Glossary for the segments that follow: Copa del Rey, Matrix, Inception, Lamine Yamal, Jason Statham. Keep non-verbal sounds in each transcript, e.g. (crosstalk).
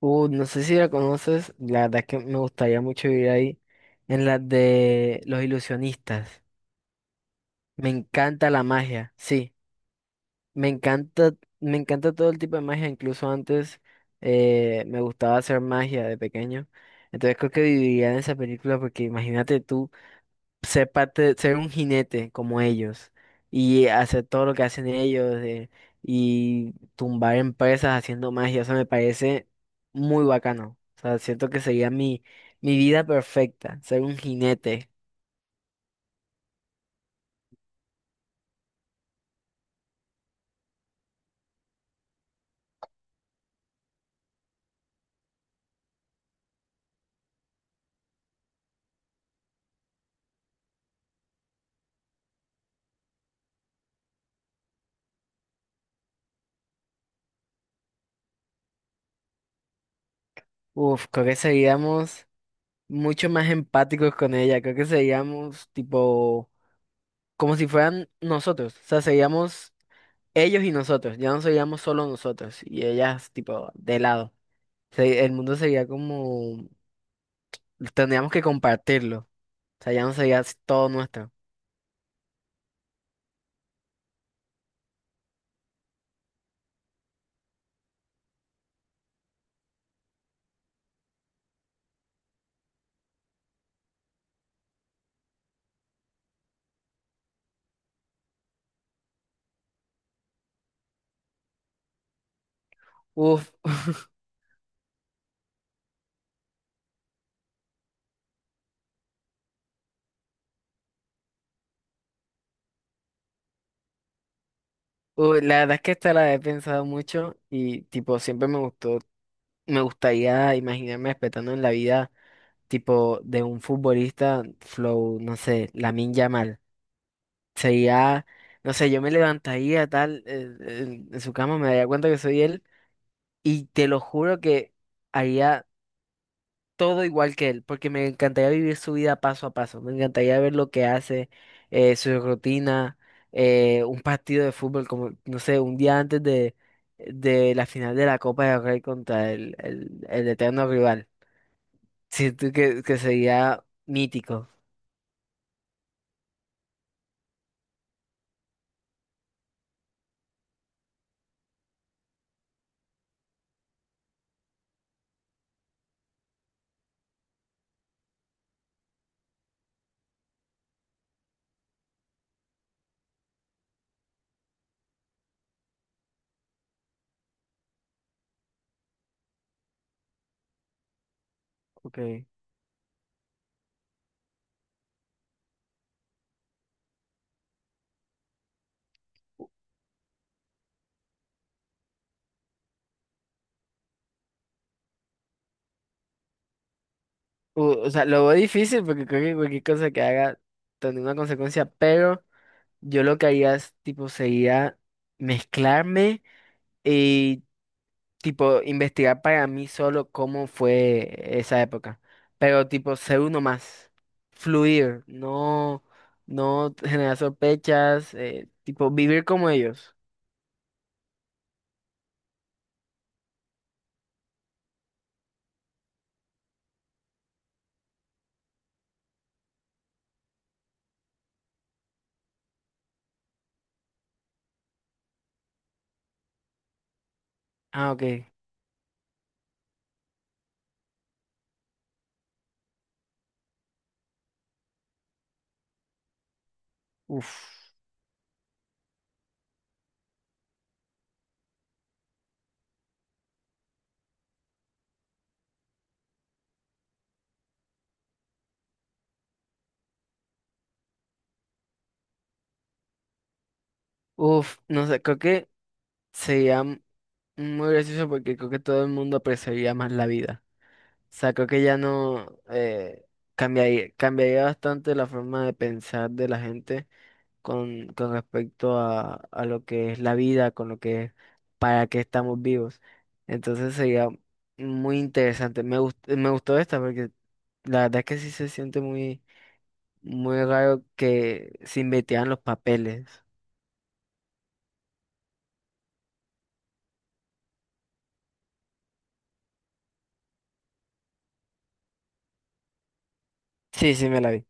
No sé si la conoces, la verdad es que me gustaría mucho vivir ahí, en la de los ilusionistas. Me encanta la magia, sí, me encanta, me encanta todo el tipo de magia, incluso antes me gustaba hacer magia de pequeño. Entonces creo que viviría en esa película porque imagínate tú ser parte, ser un jinete como ellos y hacer todo lo que hacen ellos y tumbar empresas haciendo magia, eso me parece muy bacano. O sea, siento que sería mi vida perfecta, ser un jinete. Uf, creo que seríamos mucho más empáticos con ella, creo que seríamos tipo como si fueran nosotros, o sea, seríamos ellos y nosotros, ya no seríamos solo nosotros y ellas tipo de lado. Se- El mundo sería como Tendríamos que compartirlo. O sea, ya no sería todo nuestro. Uf, (laughs) uf, la verdad es que esta la he pensado mucho y tipo siempre me gustó, me gustaría imaginarme respetando en la vida tipo de un futbolista flow, no sé, Lamine Yamal. Sería, no sé, yo me levantaría tal en su cama, me daría cuenta que soy él y te lo juro que haría todo igual que él, porque me encantaría vivir su vida paso a paso, me encantaría ver lo que hace, su rutina, un partido de fútbol, como, no sé, un día antes de la final de la Copa del Rey contra el eterno rival. Siento que sería mítico. Okay. O sea, lo veo difícil porque creo que cualquier cosa que haga tendría una consecuencia, pero yo lo que haría es, tipo, sería mezclarme. Y tipo, investigar para mí solo cómo fue esa época. Pero, tipo, ser uno más, fluir, no, no generar sospechas, tipo, vivir como ellos. Ah, ok. Uf, uf, no sé, creo que sería muy gracioso porque creo que todo el mundo apreciaría más la vida. O sea, creo que ya no cambiaría, cambiaría bastante la forma de pensar de la gente. Con respecto a lo que es la vida, con lo que es para qué estamos vivos. Entonces sería muy interesante. Me gustó esta porque la verdad es que sí se siente muy, muy raro que se invirtieran los papeles. Sí, sí, me la vi.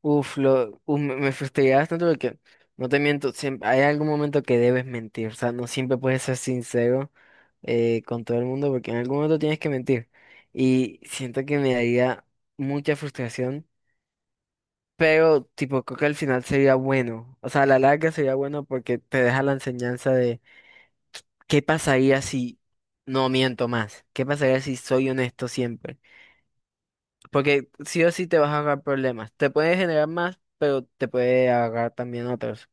Uf, lo, uf, me frustré bastante porque, no te miento, siempre, hay algún momento que debes mentir, o sea, no siempre puedes ser sincero con todo el mundo porque en algún momento tienes que mentir. Y siento que me daría mucha frustración. Pero, tipo, creo que al final sería bueno. O sea, a la larga sería bueno porque te deja la enseñanza de qué pasaría si no miento más. ¿Qué pasaría si soy honesto siempre? Porque sí o sí te vas a agarrar problemas. Te puede generar más, pero te puede agarrar también otros.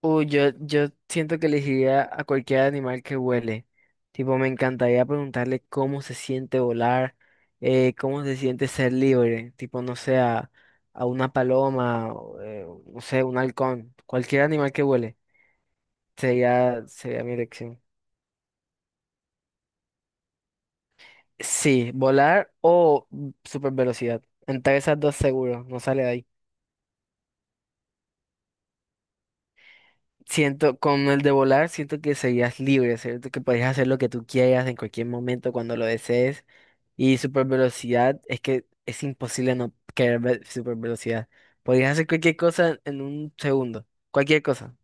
Uy, yo siento que elegiría a cualquier animal que huele. Tipo, me encantaría preguntarle cómo se siente volar, cómo se siente ser libre. Tipo, no sé, a una paloma, o, no sé, un halcón. Cualquier animal que huele sería, sería mi elección. Sí, volar o super velocidad. Entre esas dos seguro, no sale de ahí. Siento, con el de volar, siento que serías libre, ¿cierto? Que podrías hacer lo que tú quieras en cualquier momento, cuando lo desees. Y super velocidad, es que es imposible no querer ver super velocidad. Podrías hacer cualquier cosa en un segundo. Cualquier cosa.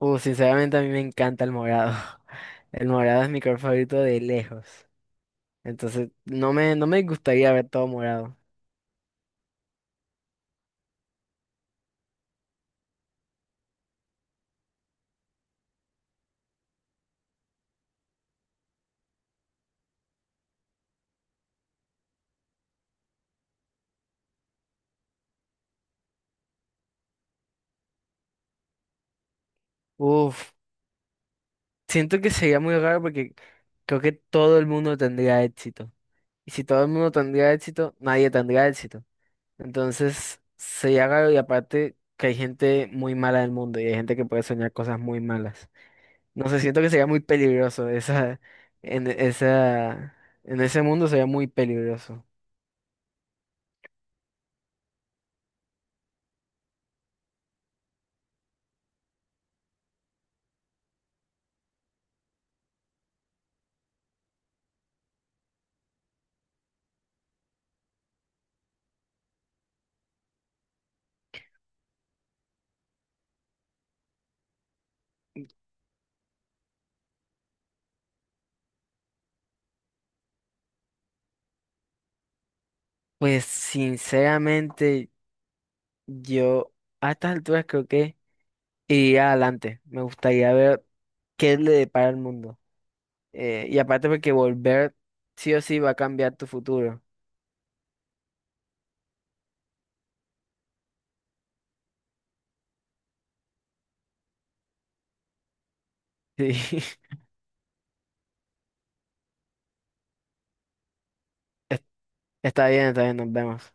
Sinceramente a mí me encanta el morado. (laughs) El morado es mi color favorito de lejos. Entonces, no no me gustaría ver todo morado. Uf, siento que sería muy raro porque creo que todo el mundo tendría éxito. Y si todo el mundo tendría éxito, nadie tendría éxito. Entonces, se haga y aparte que hay gente muy mala del mundo y hay gente que puede soñar cosas muy malas. No sé, siento que sería muy peligroso en esa, en ese mundo sería muy peligroso. Pues sinceramente, yo a estas alturas creo que iría adelante. Me gustaría ver qué le depara el mundo. Y aparte porque volver sí o sí va a cambiar tu futuro. (laughs) Sí. Está bien, nos vemos.